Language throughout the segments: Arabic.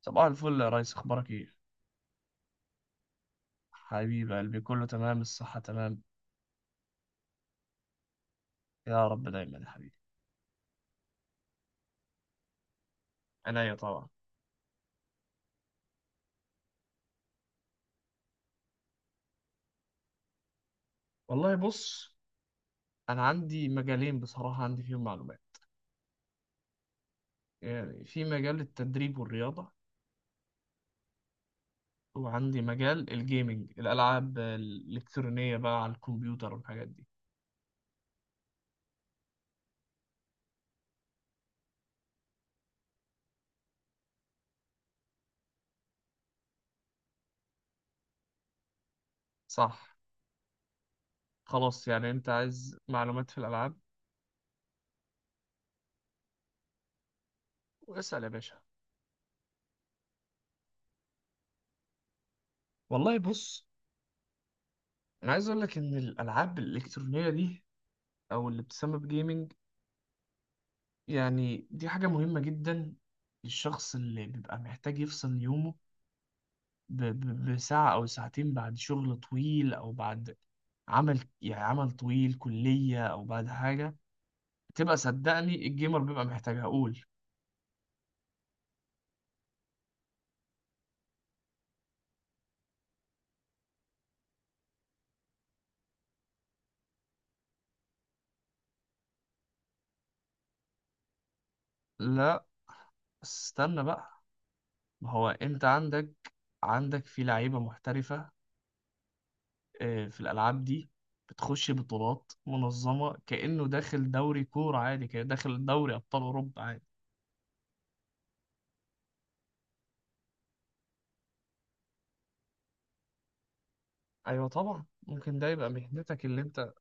صباح الفل يا ريس، اخبارك ايه؟ حبيب قلبي، كله تمام، الصحة تمام. يا رب دايما يا حبيبي. انا أيوة طبعا. والله بص، انا عندي مجالين بصراحة عندي فيهم معلومات. يعني في مجال التدريب والرياضة، وعندي مجال الجيمنج، الألعاب الإلكترونية بقى على الكمبيوتر والحاجات دي. صح. خلاص، يعني انت عايز معلومات في الألعاب. اسأل يا باشا. والله بص، انا عايز اقول لك ان الألعاب الإلكترونية دي او اللي بتسمى بجيمنج، يعني دي حاجة مهمة جدا. الشخص اللي بيبقى محتاج يفصل يومه بساعة أو ساعتين، بعد شغل طويل أو بعد عمل، يعني عمل طويل كلية، أو بعد حاجة، بتبقى صدقني الجيمر بيبقى محتاج، أقول. لا، استنى بقى. ما هو أنت عندك في لعيبة محترفة، في الألعاب دي بتخش بطولات منظمة، كأنه داخل دوري كورة عادي كده، داخل دوري أبطال أوروبا عادي. أيوة طبعا ممكن ده يبقى مهنتك اللي أنت.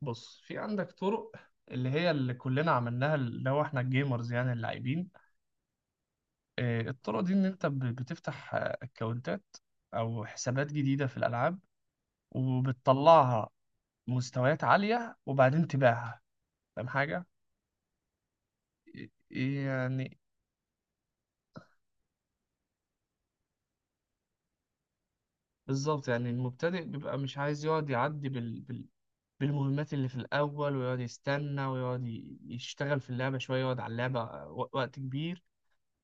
بص، في عندك طرق اللي هي اللي كلنا عملناها، اللي هو احنا الجيمرز يعني اللاعبين. الطرق دي ان انت بتفتح اكونتات او حسابات جديدة في الالعاب، وبتطلعها مستويات عالية وبعدين تبيعها. فاهم حاجة؟ ي- يعني بالظبط، يعني المبتدئ بيبقى مش عايز يقعد يعدي بالمهمات اللي في الأول، ويقعد يستنى ويقعد يشتغل في اللعبة شوية، يقعد على اللعبة وقت كبير،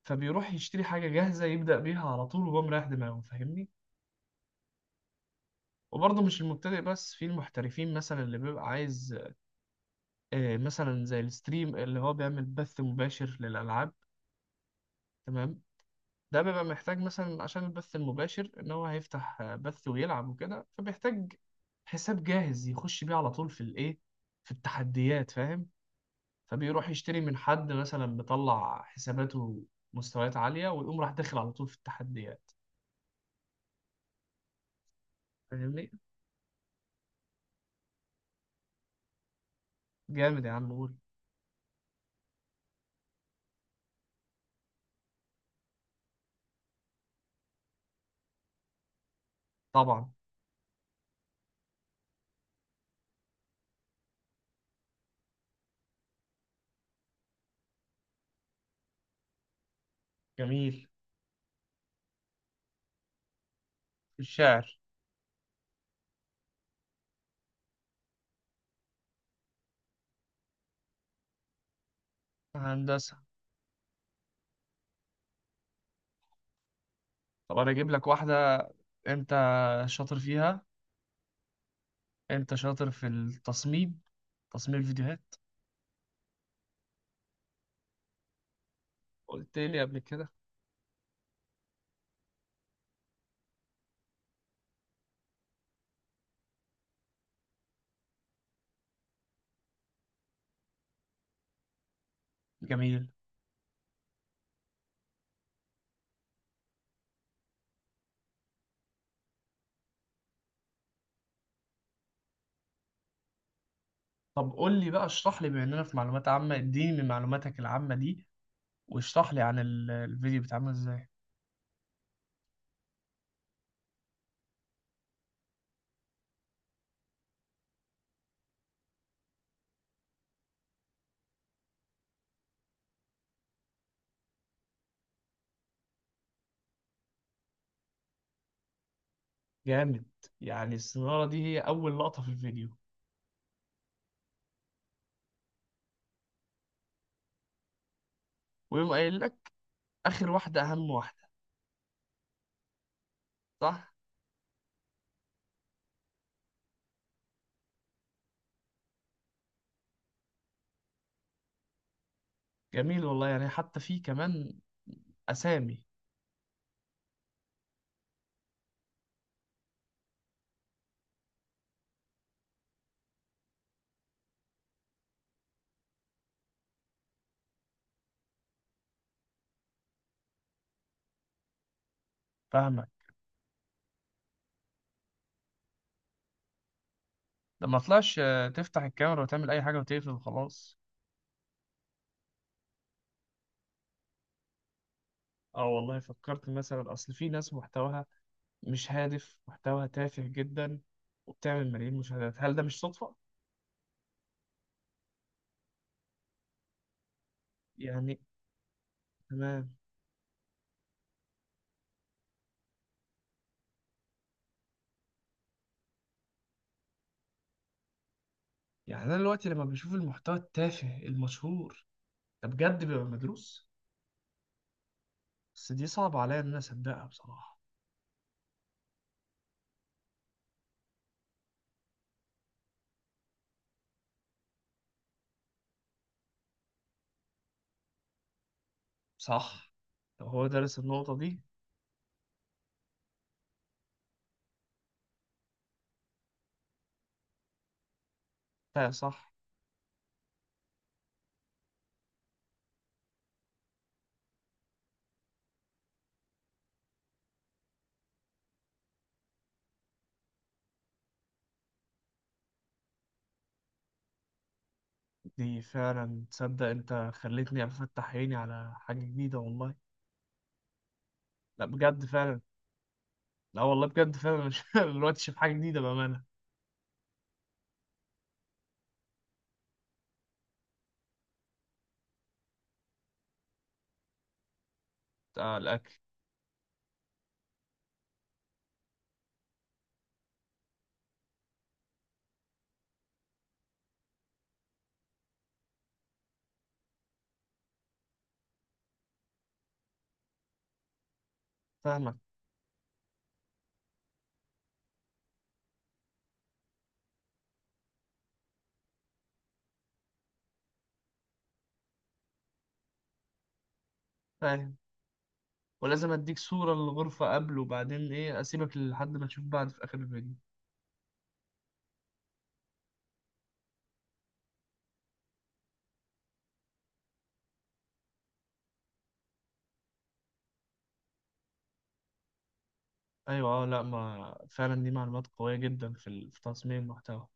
فبيروح يشتري حاجة جاهزة يبدأ بيها على طول وهو مريح دماغه. فاهمني؟ وبرضه مش المبتدئ بس، في المحترفين مثلا اللي بيبقى عايز، مثلا زي الستريم اللي هو بيعمل بث مباشر للألعاب. تمام. ده بيبقى محتاج مثلا عشان البث المباشر ان هو هيفتح بث ويلعب وكده، فبيحتاج حساب جاهز يخش بيه على طول في الايه، في التحديات، فاهم. فبيروح يشتري من حد مثلا مطلع حساباته مستويات عالية، ويقوم راح داخل على طول في التحديات. فاهمني؟ جامد يا عم، قول. طبعا. جميل. الشعر. هندسة. طب أنا أجيب لك واحدة أنت شاطر فيها. أنت شاطر في التصميم، تصميم الفيديوهات. قلت لي قبل كده. جميل. طب قول لي بقى، اشرح لي بما إننا في معلومات عامة، اديني من معلوماتك العامة دي، واشرح لي عن الفيديو بيتعمل إزاي. جامد. يعني السنارة دي هي أول لقطة في الفيديو. ويقوم قايل لك آخر واحدة أهم واحدة. صح. جميل والله، يعني حتى في كمان أسامي. فاهمك. ده ما طلعش، تفتح الكاميرا وتعمل اي حاجه وتقفل وخلاص. اه والله فكرت مثلا، اصل في ناس محتواها مش هادف، محتواها تافه جدا، وبتعمل ملايين مشاهدات. هل ده مش صدفه؟ يعني. تمام. يعني انا دلوقتي لما بشوف المحتوى التافه المشهور ده بجد بيبقى مدروس. بس دي صعب عليا ان انا اصدقها بصراحه. صح. لو هو درس النقطه دي. فعلا، صح. دي فعلا، تصدق انت خلتني افتح عيني على حاجه جديده والله. لا بجد فعلا. لا والله بجد فعلا، مش الوقت شايف حاجة جديدة بأمانة. بتاع الأكل. فاهمك. فاهم. ولازم أديك صورة للغرفة قبل وبعدين، إيه أسيبك لحد ما تشوف بعد في آخر الفيديو؟ أيوة، أه، لأ، ما فعلا دي معلومات قوية جدا في في تصميم المحتوى.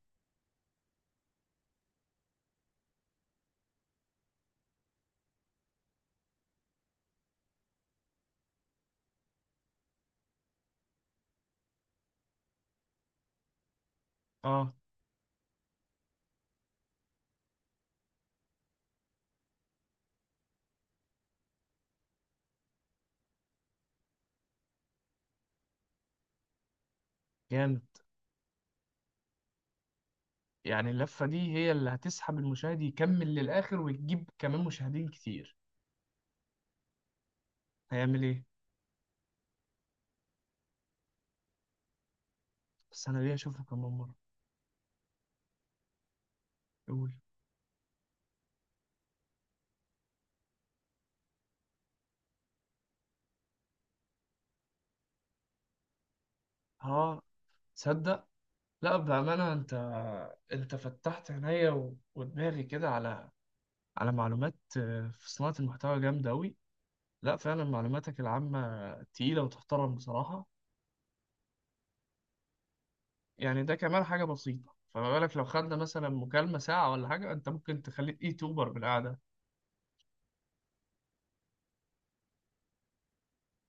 أه. جامد. يعني اللفة دي هي اللي هتسحب المشاهد يكمل للآخر وتجيب كمان مشاهدين كتير. هيعمل إيه؟ بس أنا ليه أشوفه كمان مرة؟ قول. أه. تصدق. لأ بأمانة، أنت. أنت فتحت عينيا ودماغي كده على معلومات، في صناعة المحتوى جامدة أوي. لا فعلا، معلوماتك العامة تقيلة وتحترم بصراحة. يعني ده كمان حاجة بسيطة، فما بالك لو خدنا مثلا مكالمة ساعة ولا حاجة، أنت ممكن تخليك يوتيوبر بالقعدة.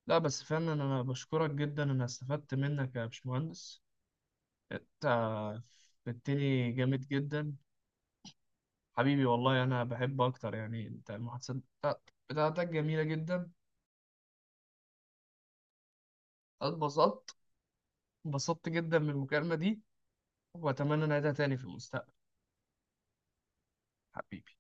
لا بس فعلا أنا بشكرك جدا، أنا استفدت منك يا باشمهندس. أنت فدتني جامد جدا. حبيبي والله، أنا بحب أكتر يعني، أنت المحادثات بتاعتك جميلة جدا. أنا اتبسطت جدا من المكالمة دي، وأتمنى نعيدها تاني في المستقبل. حبيبي.